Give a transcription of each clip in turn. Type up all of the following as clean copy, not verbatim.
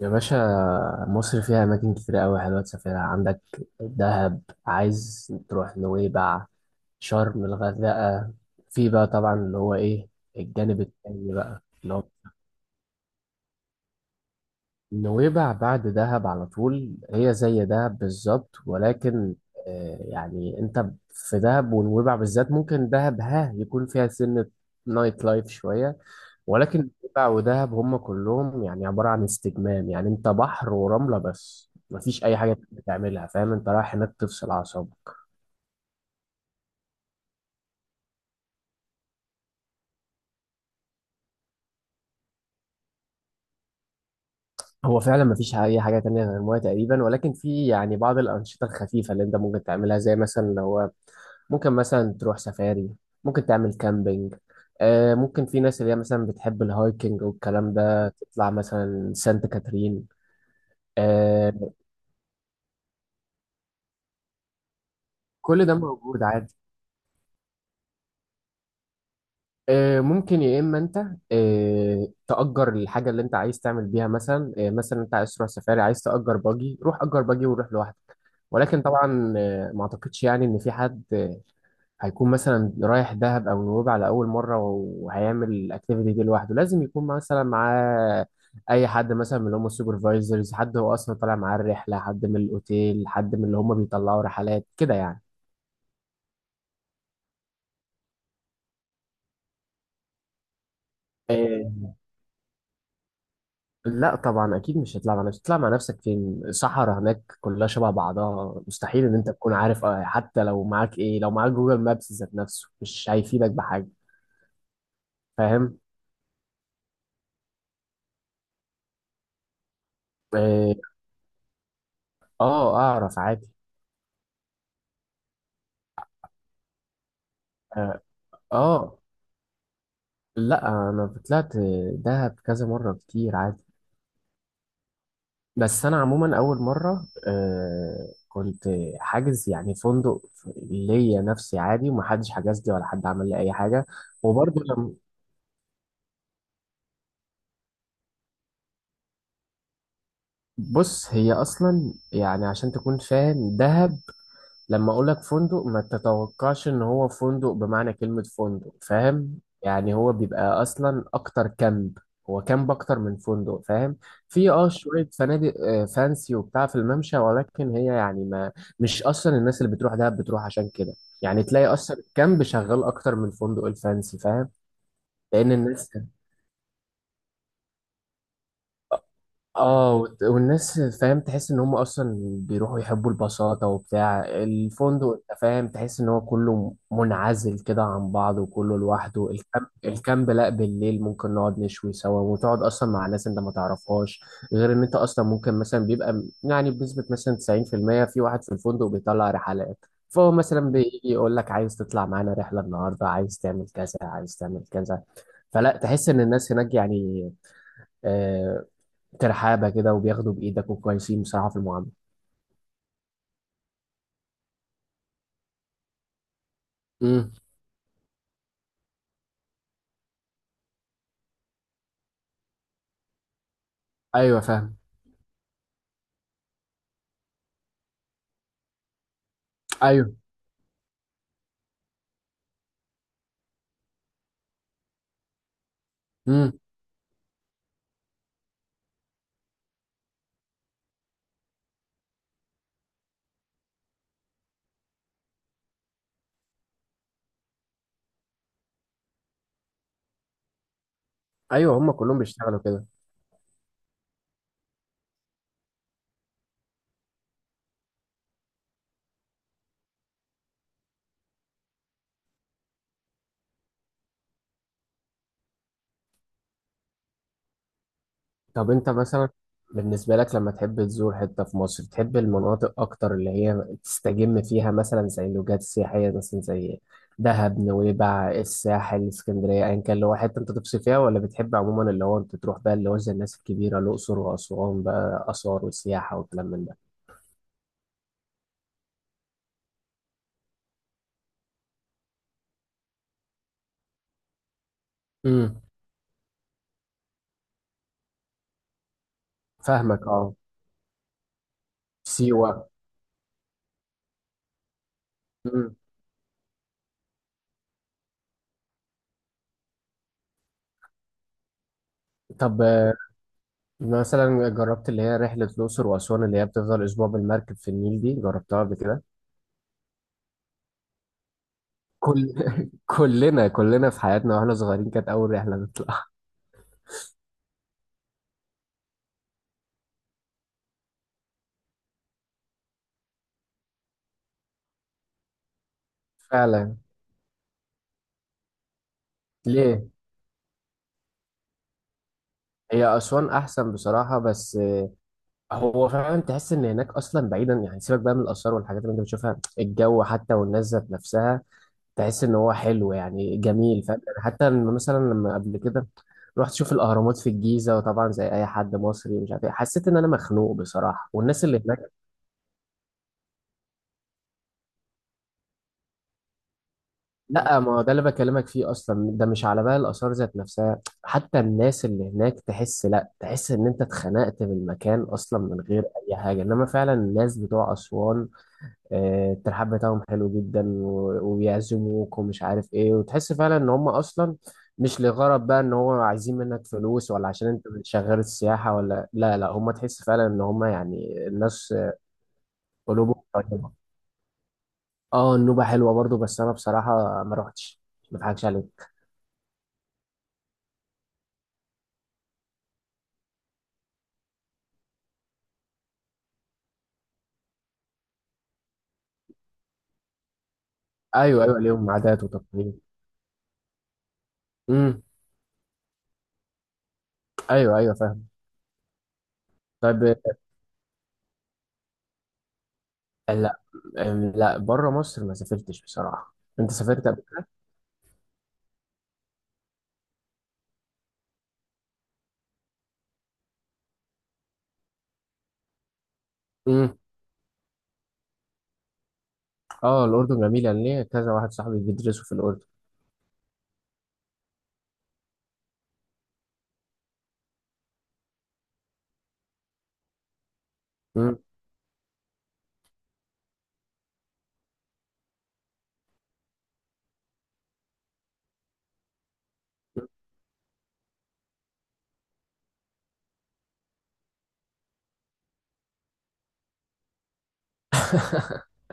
يا باشا، مصر فيها أماكن كتير أوي حلوة تسافرها. عندك دهب، عايز تروح نويبع، شرم، الغردقة. في بقى طبعا اللي هو إيه، الجانب التاني بقى اللي هو نويبع بعد دهب على طول. هي زي دهب بالظبط، ولكن يعني انت في دهب ونويبع بالذات، ممكن دهب ها يكون فيها سنة نايت لايف شوية، ولكن نويبع ودهب هم كلهم يعني عبارة عن استجمام. يعني انت بحر ورملة، بس مفيش اي حاجة بتعملها. فاهم؟ انت رايح هناك تفصل اعصابك. هو فعلا مفيش اي حاجه تانية غير الميه تقريبا، ولكن في يعني بعض الانشطه الخفيفه اللي انت ممكن تعملها. زي مثلا لو هو ممكن مثلا تروح سفاري، ممكن تعمل كامبينج. آه ممكن في ناس اللي هي مثلا بتحب الهايكنج والكلام ده، تطلع مثلا سانت كاترين. آه. كل ده موجود عادي. آه ممكن يا اما انت آه تأجر الحاجه اللي انت عايز تعمل بيها. مثلا آه مثلا انت عايز تروح سفاري، عايز تأجر باجي، روح أجر باجي وروح لوحدك. ولكن طبعا ما اعتقدش يعني ان في حد هيكون مثلا رايح دهب او نويبع على اول مره وهيعمل الاكتيفيتي دي لوحده. لازم يكون مثلا معاه اي حد مثلا من اللي هم السوبرفايزرز، حد هو اصلا طالع معاه الرحله، حد من الاوتيل، حد من اللي هم بيطلعوا رحلات كده يعني. إيه. لا طبعا اكيد مش هتطلع مع نفسك. تطلع مع نفسك فين؟ صحراء هناك كلها شبه بعضها، مستحيل ان انت تكون عارف. حتى لو معاك ايه، لو معاك جوجل مابس ذات نفسه مش هيفيدك بحاجه. فاهم؟ اه اعرف عادي. اه آه. لا انا طلعت دهب كذا مره كتير عادي. بس انا عموما اول مره آه كنت حاجز يعني فندق ليا نفسي عادي، ومحدش حجز لي ولا حد عمل لي اي حاجه. وبرضه بص، هي اصلا يعني عشان تكون فاهم دهب، لما اقولك فندق ما تتوقعش ان هو فندق بمعنى كلمة فندق. فاهم يعني؟ هو بيبقى اصلا اكتر كامب. هو كامب اكتر من فندق، فاهم؟ في اه شوية فنادق فانسي وبتاع في الممشى، ولكن هي يعني ما، مش اصلا الناس اللي بتروح دهب بتروح عشان كده. يعني تلاقي اصلا الكامب شغال اكتر من الفندق الفانسي، فاهم؟ لان الناس، اه والناس، فاهم، تحس ان هم اصلا بيروحوا يحبوا البساطة وبتاع. الفندق انت فاهم تحس ان هو كله منعزل كده عن بعض وكله لوحده. الكامب، الكامب لا، بالليل ممكن نقعد نشوي سوا وتقعد اصلا مع ناس انت ما تعرفهاش. غير ان انت اصلا ممكن مثلا بيبقى يعني بنسبة مثلا 90% في المية في واحد في الفندق بيطلع رحلات، فهو مثلا بيجي يقول لك عايز تطلع معانا رحلة النهاردة، عايز تعمل كذا، عايز تعمل كذا. فلا، تحس ان الناس هناك يعني آه، ترحابه كده، وبياخدوا بايدك وكويسين بصراحه في المعامله. امم. ايوه فاهم. ايوه. امم. ايوه هم كلهم بيشتغلوا كده. طب انت مثلا بالنسبه لك لما تحب تزور حته في مصر، تحب المناطق اكتر اللي هي تستجم فيها مثلا، زي اللوجات السياحيه مثلا زي دهب، نويبع، الساحل، اسكندريه، ايا كان اللي هو حته انت تفصل فيها؟ ولا بتحب عموما اللي هو انت تروح بقى اللي هو زي الناس الكبيره، الاقصر واسوان بقى، اثار وسياحه وكلام من ده؟ امم. فاهمك اه. سيوه. امم. طب مثلا جربت اللي هي رحلة الأقصر وأسوان اللي هي بتفضل أسبوع بالمركب في النيل؟ دي جربتها قبل كده؟ كل كلنا في حياتنا وإحنا صغيرين كانت أول رحلة نطلعها. فعلا. ليه؟ هي أسوان أحسن بصراحة، بس هو فعلا تحس إن هناك أصلا بعيدا يعني، سيبك بقى من الآثار والحاجات اللي أنت بتشوفها، الجو حتى والناس ذات نفسها تحس إن هو حلو يعني، جميل. فاهم يعني؟ حتى مثلا لما قبل كده رحت اشوف الاهرامات في الجيزه، وطبعا زي اي حد مصري مش عارف ايه، حسيت ان انا مخنوق بصراحه. والناس اللي هناك، لا ما هو ده اللي بكلمك فيه اصلا. ده مش على بقى الاثار ذات نفسها، حتى الناس اللي هناك تحس، لا تحس ان انت اتخنقت من المكان اصلا من غير اي حاجه. انما فعلا الناس بتوع اسوان الترحاب بتاعهم حلو جدا، وبيعزموك ومش عارف ايه، وتحس فعلا ان هم اصلا مش لغرض بقى ان هو عايزين منك فلوس، ولا عشان انت شغال السياحه، ولا لا لا، هم تحس فعلا ان هم يعني الناس قلوبهم طيبه. اه النوبه حلوه برضو، بس انا بصراحه ما روحتش. ما اضحكش عليك. ايوه ايوه ليهم عادات وتقاليد. امم. ايوه ايوه فاهم. طيب لا. لا بره مصر ما سافرتش بصراحه. انت سافرت قبل كده؟ امم. اه الاردن جميله، ليه؟ كذا واحد صاحبي بيدرسوا في الاردن. امم.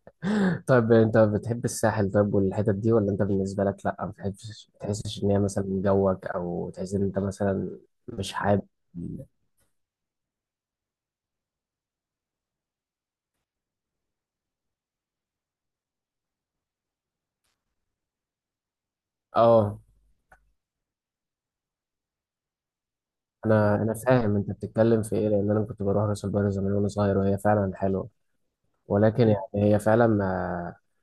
طيب انت بتحب الساحل طيب والحتت دي؟ ولا انت بالنسبه لك لا ما بتحبش، بتحسش ان هي مثلا جوك؟ او تحس ان انت مثلا مش حابب؟ اه انا فاهم انت بتتكلم في ايه، لان انا كنت بروح راس البر زمان وانا صغير وهي فعلا حلوه. ولكن يعني هي فعلا ما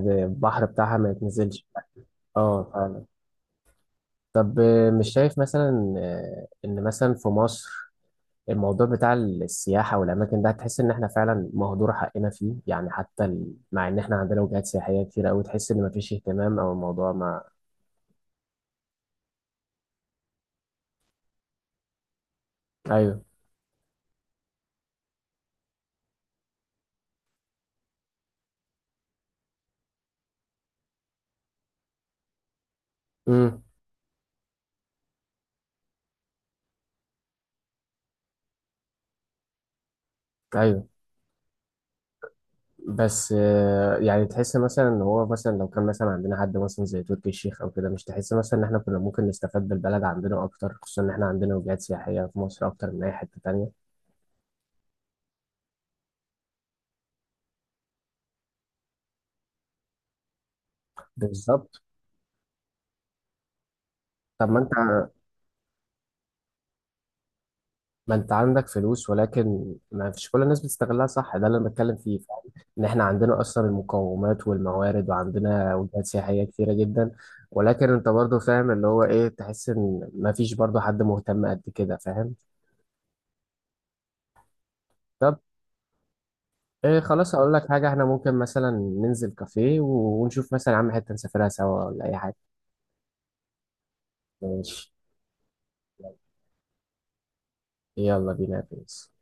البحر بتاعها ما يتنزلش. اه فعلا. طب مش شايف مثلا ان مثلا في مصر الموضوع بتاع السياحة والأماكن ده تحس إن إحنا فعلا مهدور حقنا فيه؟ يعني حتى مع إن إحنا عندنا وجهات سياحية كتير أوي، تحس إن مفيش اهتمام أو الموضوع ما. أيوه. امم. أيوه. بس يعني تحس مثلا إن هو مثلا لو كان مثلا عندنا حد مثلا زي تركي الشيخ أو كده، مش تحس مثلا إن إحنا كنا ممكن نستفاد بالبلد عندنا أكتر؟ خصوصا إن إحنا عندنا وجهات سياحية في مصر أكتر من أي حتة تانية. بالظبط. طب ما انت، ما انت عندك فلوس ولكن ما فيش كل الناس بتستغلها، صح؟ ده اللي انا بتكلم فيه، فاهم؟ ان احنا عندنا اصلا المقومات والموارد وعندنا وجهات سياحيه كتيره جدا، ولكن انت برضو فاهم اللي هو ايه، تحس ان ما فيش برضو حد مهتم قد كده، فاهم؟ طب ايه، خلاص اقول لك حاجه، احنا ممكن مثلا ننزل كافيه ونشوف مثلا يا عم حته نسافرها سوا ولا اي حاجه. ماشي. يلا بينا يا برنس.